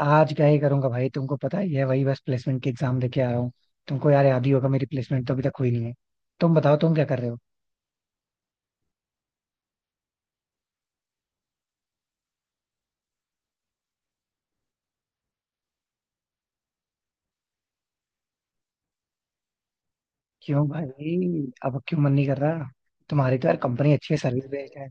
आज क्या ही करूंगा भाई। तुमको पता ही है, वही बस प्लेसमेंट की एग्जाम देके आया हूँ। तुमको यार याद ही होगा, मेरी प्लेसमेंट तो अभी तक हुई नहीं है। तुम बताओ, तुम क्या कर रहे हो? क्यों भाई, अब क्यों मन नहीं कर रहा? तुम्हारी तो यार कंपनी अच्छी है, सर्विस बेस्ड है।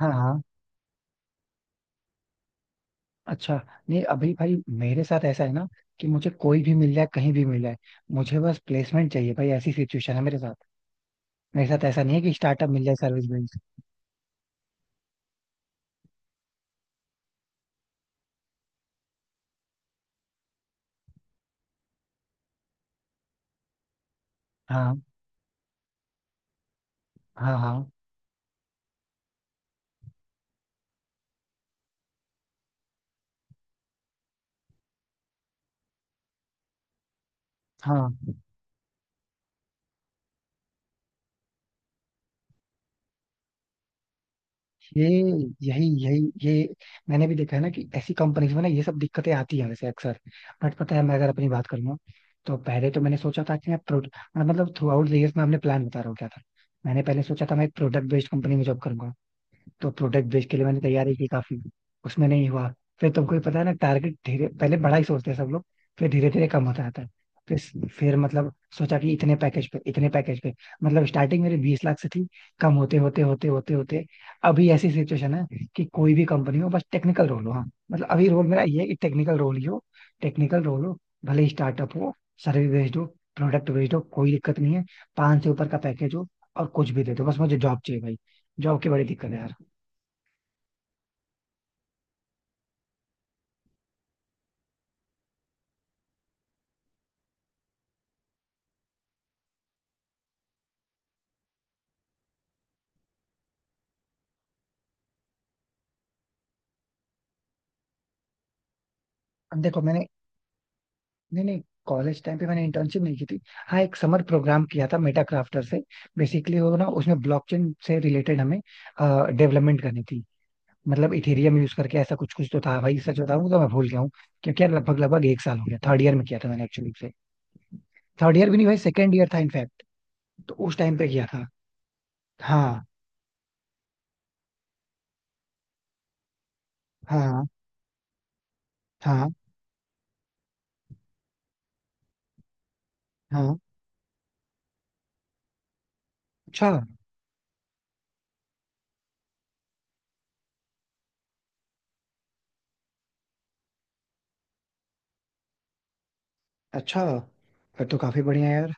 हाँ, हाँ। अच्छा। नहीं, अभी भाई मेरे साथ ऐसा है ना कि मुझे कोई भी मिल जाए, कहीं भी मिल जाए, मुझे बस प्लेसमेंट चाहिए भाई। ऐसी सिचुएशन है मेरे साथ। मेरे साथ ऐसा नहीं है कि स्टार्टअप मिल जाए, सर्विस बेस्ड। हाँ, हाँ। हाँ, हाँ। ये यही यही ये मैंने भी देखा है ना कि ऐसी कंपनीज में ना ये सब दिक्कतें आती हैं वैसे अक्सर। बट पता है, मैं अगर अपनी बात करूँ, तो पहले तो मैंने सोचा था कि मैं प्रोड मतलब थ्रू आउट द ईयर्स मैं अपने प्लान बता रहा हूँ क्या था। मैंने पहले सोचा था मैं एक प्रोडक्ट बेस्ड कंपनी में जॉब करूंगा, तो प्रोडक्ट बेच के लिए मैंने तैयारी की काफी। उसमें नहीं हुआ। फिर तुमको भी पता है ना, टारगेट धीरे पहले बड़ा ही सोचते हैं सब लोग, फिर धीरे धीरे कम होता जाता है। फिर मतलब सोचा कि इतने पैकेज पे, इतने पैकेज पे, मतलब स्टार्टिंग मेरी 20 लाख से थी। कम होते होते होते होते होते अभी ऐसी सिचुएशन है कि कोई भी कंपनी हो, बस टेक्निकल रोल हो। हाँ, मतलब अभी रोल मेरा ये है कि टेक्निकल रोल ही हो, टेक्निकल रोल हो। भले ही स्टार्टअप हो, सर्विस बेस्ड हो, प्रोडक्ट बेस्ड हो, कोई दिक्कत नहीं है, 5 से ऊपर का पैकेज हो और कुछ भी दे दो, बस मुझे जॉब चाहिए भाई। जॉब की बड़ी दिक्कत है यार। अब देखो, मैंने, नहीं नहीं, कॉलेज टाइम पे मैंने इंटर्नशिप नहीं की थी। हाँ, एक समर प्रोग्राम किया था मेटा क्राफ्टर से। बेसिकली वो ना, उसमें ब्लॉकचेन से रिलेटेड हमें डेवलपमेंट करनी थी। मतलब इथेरियम यूज करके ऐसा कुछ कुछ तो था भाई, सच बताऊं तो मैं भूल गया हूँ। क्योंकि यार लगभग लगभग 1 साल हो गया, थर्ड ईयर में किया था मैंने एक्चुअली से। थर्ड ईयर भी नहीं भाई, सेकेंड ईयर था इनफैक्ट। तो उस टाइम पे किया था। हाँ, हाँ, हाँ, हाँ। अच्छा। अच्छा, फिर तो काफी बढ़िया है यार।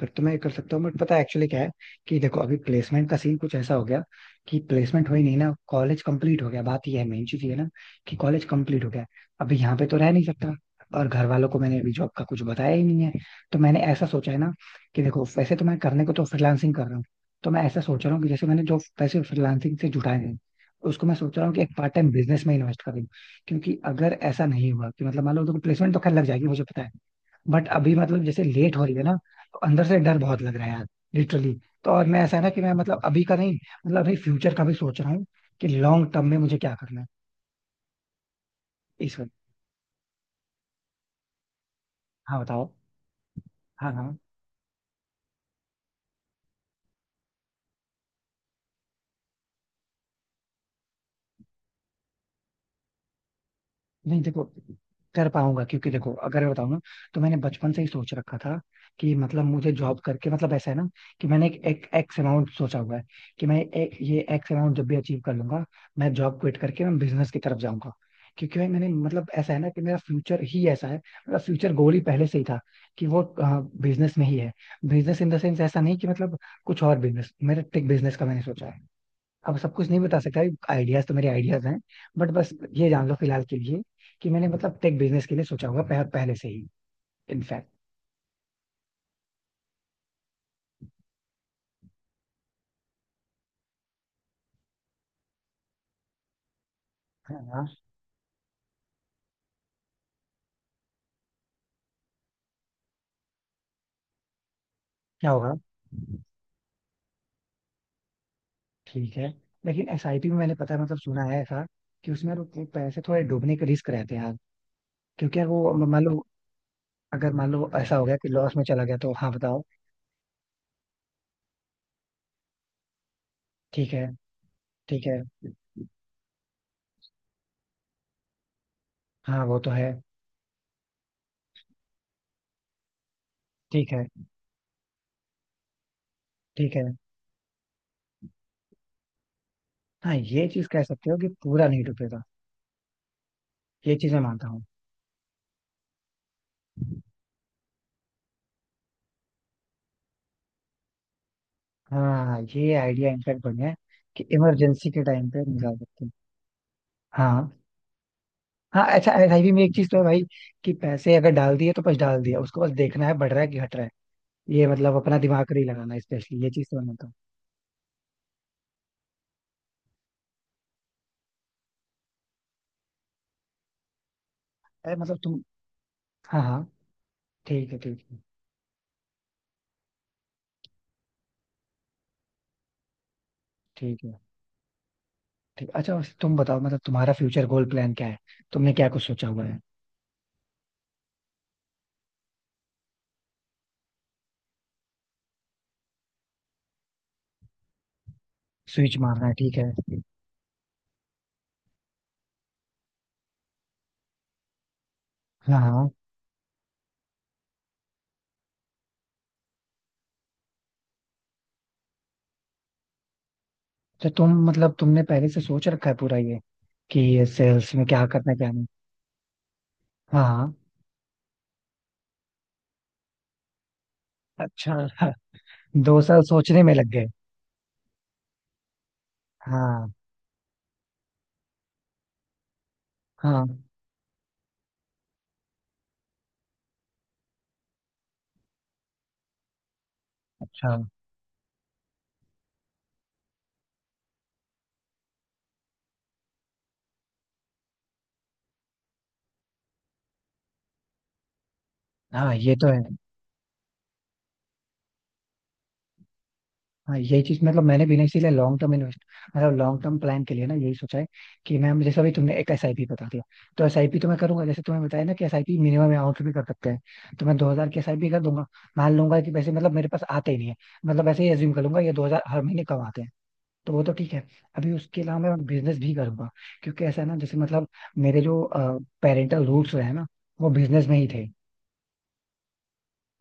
फिर तो मैं ये कर सकता हूँ, बट पता है एक्चुअली क्या है कि देखो अभी प्लेसमेंट का सीन कुछ ऐसा हो गया कि प्लेसमेंट हुई नहीं ना, कॉलेज कंप्लीट हो गया। बात ये है, मेन चीज ये है ना कि कॉलेज कंप्लीट हो गया। अभी यहाँ पे तो रह नहीं सकता, और घर वालों को मैंने अभी जॉब का कुछ बताया ही नहीं है। तो मैंने ऐसा सोचा है ना कि देखो, वैसे तो मैं करने को तो फ्रीलांसिंग कर रहा हूँ, तो मैं ऐसा सोच रहा हूँ कि जैसे मैंने जो पैसे फ्रीलांसिंग से जुटाए हैं, उसको मैं सोच रहा हूँ कि एक पार्ट टाइम बिजनेस में इन्वेस्ट कर दूं। क्योंकि अगर ऐसा नहीं हुआ कि मतलब, मान लो देखो, प्लेसमेंट तो खैर लग जाएगी मुझे पता है, बट अभी मतलब जैसे लेट हो रही है ना, तो अंदर से डर बहुत लग रहा है यार, लिटरली। तो और मैं, ऐसा है ना कि मैं मतलब अभी का नहीं, मतलब अभी फ्यूचर का भी सोच रहा हूँ कि लॉन्ग टर्म में मुझे क्या करना है। इस वक्त हाँ बताओ। हाँ, हाँ। नहीं, देखो, कर पाऊंगा क्योंकि देखो अगर मैं बताऊं ना, तो मैंने बचपन से ही सोच रखा था कि मतलब मुझे जॉब करके, मतलब ऐसा है ना कि मैंने एक एक एक्स अमाउंट सोचा हुआ है कि मैं एक ये एक्स अमाउंट जब भी अचीव कर लूंगा, मैं जॉब क्विट करके मैं बिजनेस की तरफ जाऊंगा। क्योंकि भाई मैंने मतलब ऐसा है ना कि मेरा फ्यूचर ही ऐसा है, मेरा फ्यूचर गोल ही पहले से ही था कि वो बिजनेस में ही है। बिजनेस इन द सेंस ऐसा नहीं कि मतलब कुछ और बिजनेस, मेरा टेक बिजनेस का मैंने सोचा है। अब सब कुछ नहीं बता सकता, आइडियाज तो मेरे आइडियाज हैं। बट बस, ये जान लो फिलहाल के लिए कि मैंने मतलब टेक बिजनेस के लिए सोचा होगा पहले से ही, इनफैक्ट। हाँ, हाँ। क्या होगा? ठीक है। लेकिन एसआईपी में मैंने, पता है मतलब, सुना है ऐसा कि उसमें यार वो पैसे थोड़े डूबने के रिस्क रहते हैं यार। क्योंकि यार वो मान लो, अगर मान लो ऐसा हो गया कि लॉस में चला गया तो? हाँ बताओ। ठीक है, ठीक है। हाँ, वो तो है। ठीक है, ठीक है। हाँ, ये चीज कह सकते हो कि पूरा नहीं डूबेगा। ये चीज मैं मानता हूँ। हाँ, ये आइडिया इनफैक्ट बढ़िया है कि इमरजेंसी के टाइम पे निकाल सकते हैं। हाँ, हाँ। अच्छा, एसआईपी में एक चीज तो है भाई कि पैसे अगर डाल दिए तो बस डाल दिया, उसको बस देखना है बढ़ रहा है कि घट रहा है। ये मतलब अपना दिमाग नहीं लगाना, स्पेशली ये चीज तो मैं मानता हूँ। अरे मतलब तुम, हाँ हाँ, ठीक है, ठीक है। ठीक है। ठीक, अच्छा, वैसे तुम बताओ मतलब तुम्हारा फ्यूचर गोल प्लान क्या है? तुमने क्या कुछ सोचा हुआ है? स्विच मारना है, ठीक है। हाँ, हाँ। तो तुम मतलब तुमने पहले से सोच रखा है पूरा ये कि सेल्स में क्या करना है, क्या नहीं? हाँ, हाँ। अच्छा 2 साल सोचने में लग गए। हाँ, हाँ। अच्छा। हाँ, ये तो है। हाँ, यही चीज मतलब मैंने भी ना इसीलिए लॉन्ग टर्म इन्वेस्ट, मतलब लॉन्ग टर्म प्लान के लिए ना यही सोचा है कि मैं जैसे अभी तुमने एक एसआईपी बता दिया, तो एसआईपी तो मैं करूंगा। जैसे तुम्हें बताया ना कि एसआईपी मिनिमम अमाउंट भी कर सकते हैं, तो मैं 2,000 की एसआईपी कर दूंगा। मान लूंगा कि पैसे मतलब मेरे पास आते ही नहीं है। मतलब ऐसे ही एज्यूम कर लूंगा ये 2,000 हर महीने कम आते हैं, तो वो तो ठीक है। अभी उसके अलावा मैं बिजनेस भी करूंगा, क्योंकि ऐसा है ना जैसे मतलब मेरे जो पेरेंटल रूट्स रहे हैं ना, वो बिजनेस में ही थे।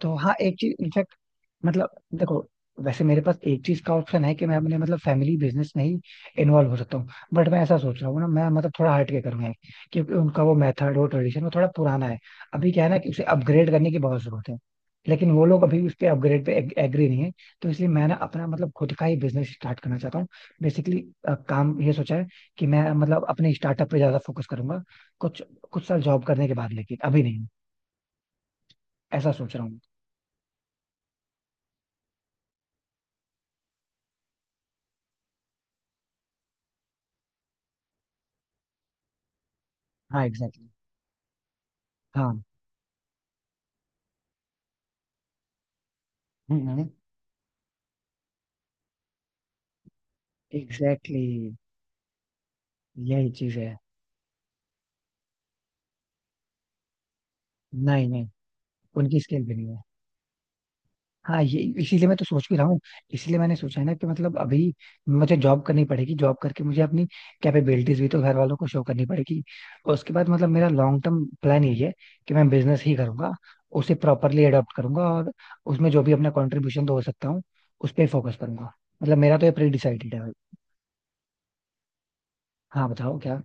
तो हाँ, एक चीज इनफैक्ट, मतलब देखो, वैसे मेरे पास एक चीज का ऑप्शन है कि मैं अपने मतलब फैमिली बिजनेस में ही इन्वॉल्व हो सकता हूँ। बट मैं ऐसा सोच रहा हूँ ना, मैं मतलब थोड़ा हट के करूंगा, क्योंकि उनका वो मेथड, वो ट्रेडिशन, वो थोड़ा पुराना है। अभी क्या है ना कि उसे अपग्रेड करने की बहुत जरूरत है, लेकिन वो लोग अभी उस पे, अपग्रेड पे एग्री नहीं है। तो इसलिए मैं ना अपना मतलब खुद का ही बिजनेस स्टार्ट करना चाहता हूँ, बेसिकली। काम ये सोचा है कि मैं मतलब अपने स्टार्टअप पे ज्यादा फोकस करूंगा कुछ कुछ साल जॉब करने के बाद, लेकिन अभी नहीं। ऐसा सोच रहा हूँ। हाँ, एग्जैक्टली। हाँ, हम्म। Exactly, exactly. यही चीज है। नहीं, नहीं, उनकी स्किल भी नहीं है। हाँ, ये इसीलिए मैं तो सोच भी रहा हूँ। इसलिए मैंने सोचा है ना कि मतलब अभी मुझे जॉब करनी पड़ेगी, जॉब करके मुझे अपनी कैपेबिलिटीज भी तो घर वालों को शो करनी पड़ेगी। और उसके बाद मतलब मेरा लॉन्ग टर्म प्लान यही है कि मैं बिजनेस ही करूंगा, उसे प्रॉपरली अडॉप्ट करूंगा और उसमें जो भी अपना कॉन्ट्रीब्यूशन दो सकता हूँ उस पर फोकस करूंगा। मतलब मेरा तो ये प्री डिसाइडेड है भाई। हाँ बताओ, क्या?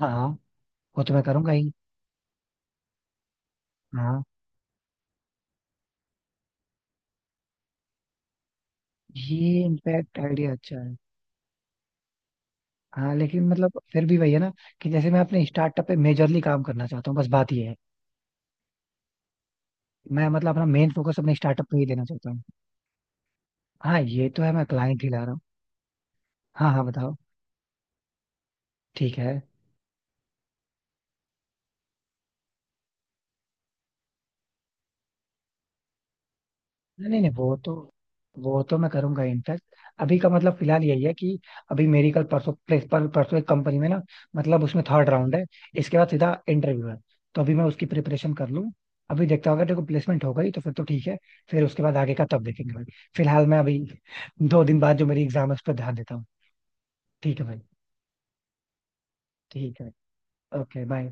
हाँ, हाँ, वो तो मैं करूंगा ही। हाँ, ये इनफैक्ट आइडिया अच्छा है। हाँ, लेकिन मतलब फिर भी वही है ना कि जैसे मैं अपने स्टार्टअप पे मेजरली काम करना चाहता हूँ, बस बात ये है। मैं मतलब अपना मेन फोकस अपने स्टार्टअप पे ही देना चाहता हूँ। हाँ, ये तो है, मैं क्लाइंट ही ला रहा हूँ। हाँ, हाँ, बताओ। ठीक है। नहीं, नहीं, वो तो मैं करूंगा इनफैक्ट। अभी का मतलब फिलहाल यही है कि अभी मेरी कल, परसों, प्लेस पर परसों एक कंपनी में ना, मतलब उसमें थर्ड राउंड है। इसके बाद सीधा इंटरव्यू है, तो अभी मैं उसकी प्रिपरेशन कर लूँ। अभी देखता हूँ, अगर देखो प्लेसमेंट हो गई तो फिर तो ठीक है, फिर उसके बाद आगे का तब देखेंगे भाई। फिलहाल मैं अभी 2 दिन बाद जो मेरी एग्जाम है उस पर ध्यान देता हूँ। ठीक है भाई। ठीक है। Okay, bye.